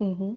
Mhm.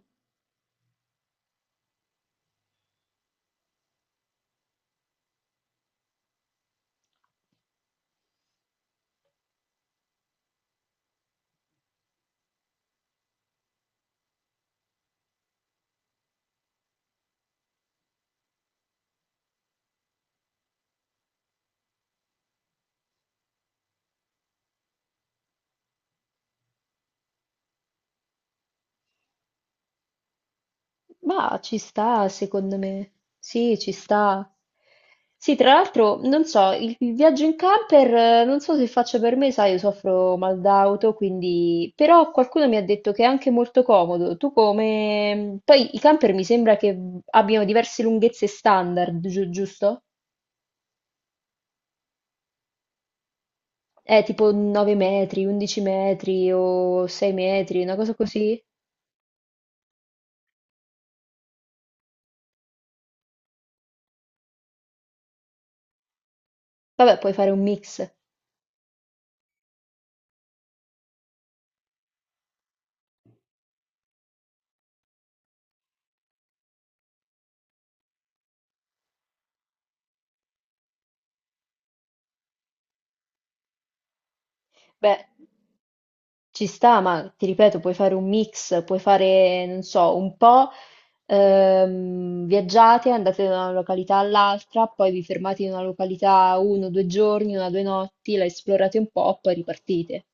Ma ci sta, secondo me. Sì, ci sta. Sì, tra l'altro, non so, il viaggio in camper, non so se faccia per me, sai, io soffro mal d'auto, quindi... Però qualcuno mi ha detto che è anche molto comodo. Tu come... Poi i camper mi sembra che abbiano diverse lunghezze standard, giusto? Tipo 9 metri, 11 metri o 6 metri, una cosa così. Vabbè, puoi fare un mix. Beh. Ci sta, ma ti ripeto, puoi fare un mix, puoi fare, non so, un po' viaggiate, andate da una località all'altra, poi vi fermate in una località uno, due giorni, una, due notti, la esplorate un po', poi ripartite.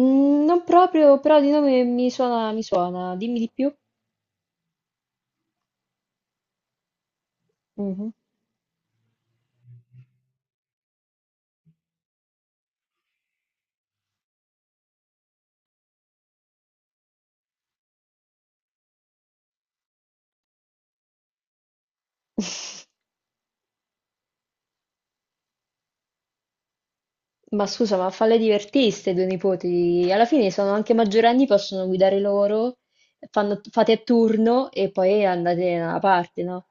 Mm, non proprio, però di nome mi suona, mi suona. Dimmi di più. Mhm. Ma scusa, ma falle divertire ste due nipoti. Alla fine sono anche maggiorenni, possono guidare loro, fate a turno e poi andate da una parte, no?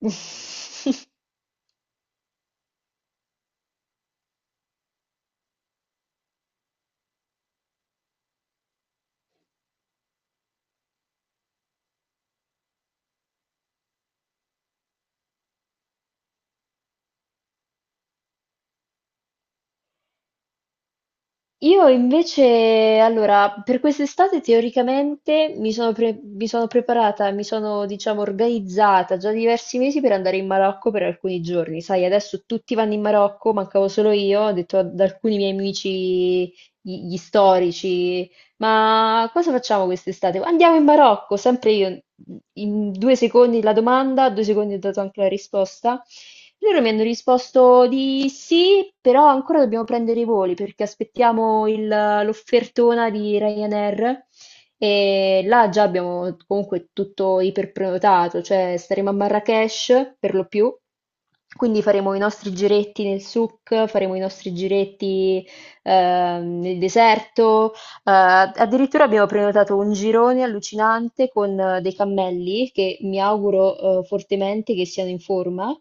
Io invece, allora, per quest'estate teoricamente mi sono, mi sono preparata, mi sono, diciamo, organizzata già diversi mesi per andare in Marocco per alcuni giorni. Sai, adesso tutti vanno in Marocco, mancavo solo io, ho detto ad alcuni miei amici, gli storici, ma cosa facciamo quest'estate? Andiamo in Marocco, sempre io, in due secondi la domanda, due secondi ho dato anche la risposta. Loro mi hanno risposto di sì, però ancora dobbiamo prendere i voli perché aspettiamo l'offertona di Ryanair e là già abbiamo comunque tutto iperprenotato, cioè staremo a Marrakech per lo più, quindi faremo i nostri giretti nel souk, faremo i nostri giretti nel deserto, addirittura abbiamo prenotato un girone allucinante con dei cammelli che mi auguro fortemente che siano in forma.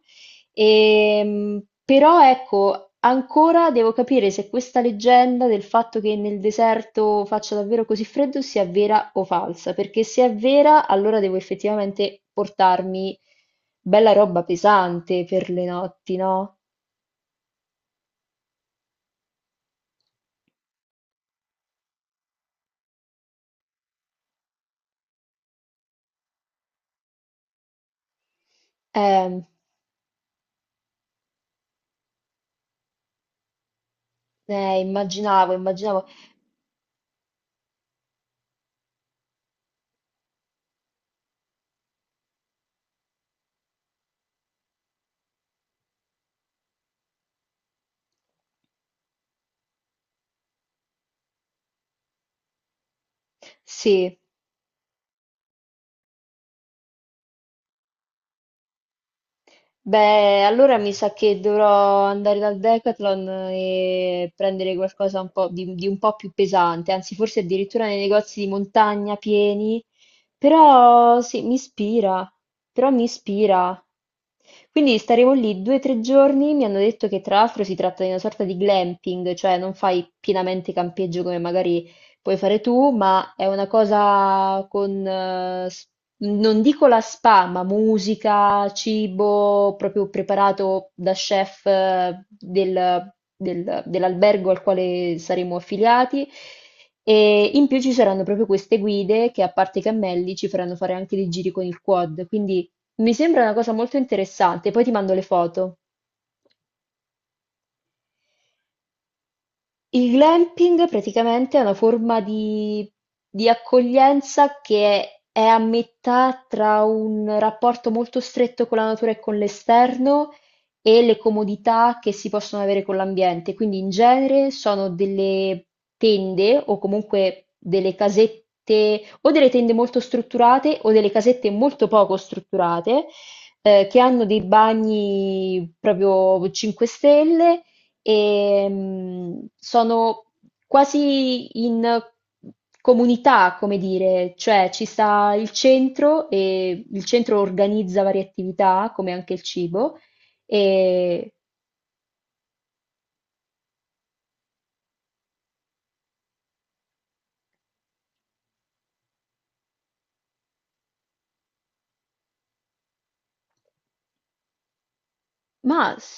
Però ecco, ancora devo capire se questa leggenda del fatto che nel deserto faccia davvero così freddo sia vera o falsa, perché se è vera, allora devo effettivamente portarmi bella roba pesante per le notti, no? Eh, immaginavo, immaginavo. Sì. Beh, allora mi sa che dovrò andare dal Decathlon e prendere qualcosa un po' di un po' più pesante, anzi forse addirittura nei negozi di montagna pieni, però sì, mi ispira, però mi ispira. Quindi staremo lì due o tre giorni, mi hanno detto che tra l'altro si tratta di una sorta di glamping, cioè non fai pienamente campeggio come magari puoi fare tu, ma è una cosa con... non dico la spa, ma musica, cibo proprio preparato da chef dell'albergo al quale saremo affiliati. E in più ci saranno proprio queste guide che, a parte i cammelli, ci faranno fare anche dei giri con il quad. Quindi mi sembra una cosa molto interessante. Poi ti mando le foto. Il glamping praticamente è una forma di accoglienza che è a metà tra un rapporto molto stretto con la natura e con l'esterno e le comodità che si possono avere con l'ambiente. Quindi in genere sono delle tende o comunque delle casette o delle tende molto strutturate o delle casette molto poco strutturate che hanno dei bagni proprio 5 stelle e sono quasi in comunità, come dire, cioè ci sta il centro e il centro organizza varie attività, come anche il cibo, e, ma s-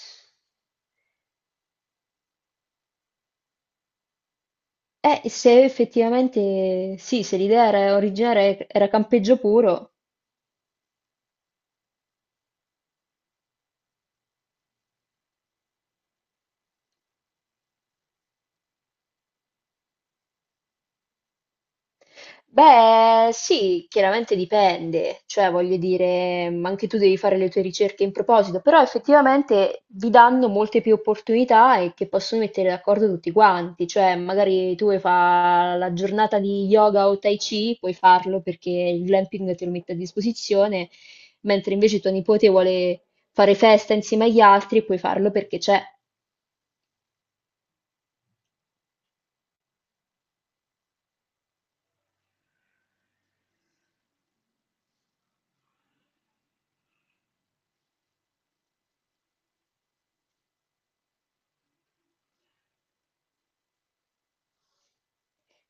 se effettivamente sì, se l'idea era originaria era campeggio puro. Beh, sì, chiaramente dipende, cioè voglio dire, anche tu devi fare le tue ricerche in proposito, però effettivamente vi danno molte più opportunità e che possono mettere d'accordo tutti quanti, cioè magari tu vuoi fare la giornata di yoga o tai chi, puoi farlo perché il glamping te lo mette a disposizione, mentre invece tuo nipote vuole fare festa insieme agli altri, puoi farlo perché c'è.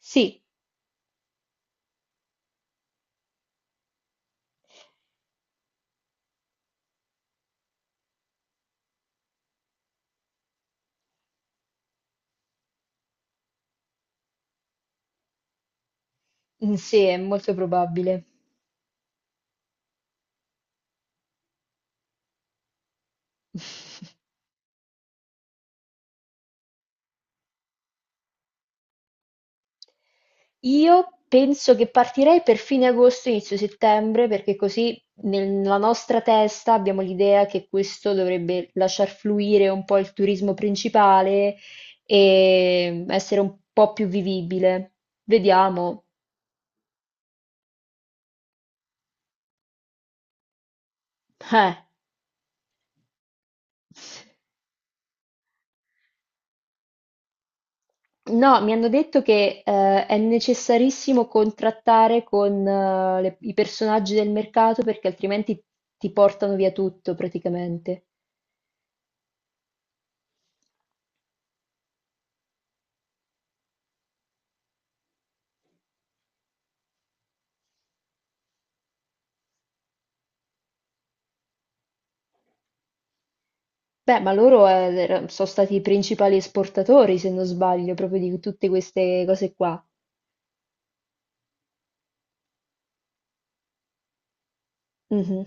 Sì, mm, sì, è molto probabile. Io penso che partirei per fine agosto, inizio settembre, perché così nella nostra testa abbiamo l'idea che questo dovrebbe lasciar fluire un po' il turismo principale e essere un po' più vivibile. Vediamo. Eh. No, mi hanno detto che è necessarissimo contrattare con i personaggi del mercato perché altrimenti ti portano via tutto praticamente. Beh, ma loro sono stati i principali esportatori, se non sbaglio, proprio di tutte queste cose qua. Mhm.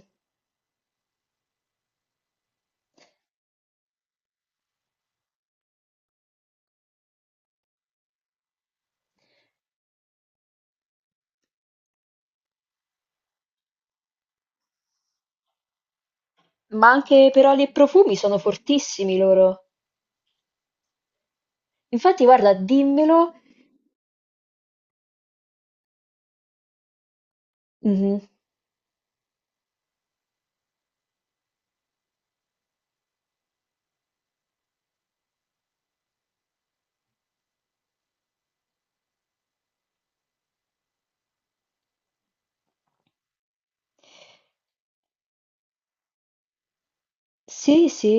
Ma anche per oli e profumi sono fortissimi loro. Infatti, guarda, dimmelo. Mhm. Sì, sì.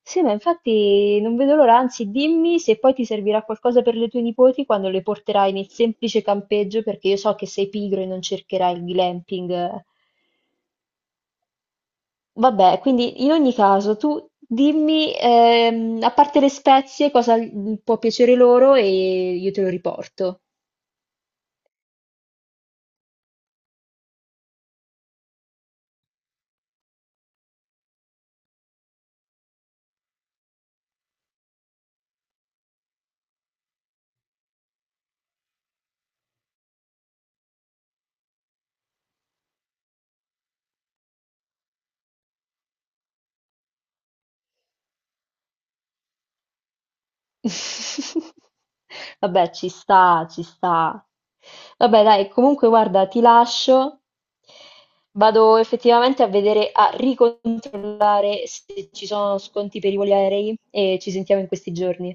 Sì, ma infatti non vedo l'ora, anzi dimmi se poi ti servirà qualcosa per le tue nipoti quando le porterai nel semplice campeggio, perché io so che sei pigro e non cercherai il glamping. Vabbè, quindi in ogni caso tu dimmi, a parte le spezie, cosa l- può piacere loro e io te lo riporto. Vabbè, ci sta, ci sta. Vabbè, dai, comunque guarda, ti lascio. Vado effettivamente a vedere, a ricontrollare se ci sono sconti per i voli aerei e ci sentiamo in questi giorni.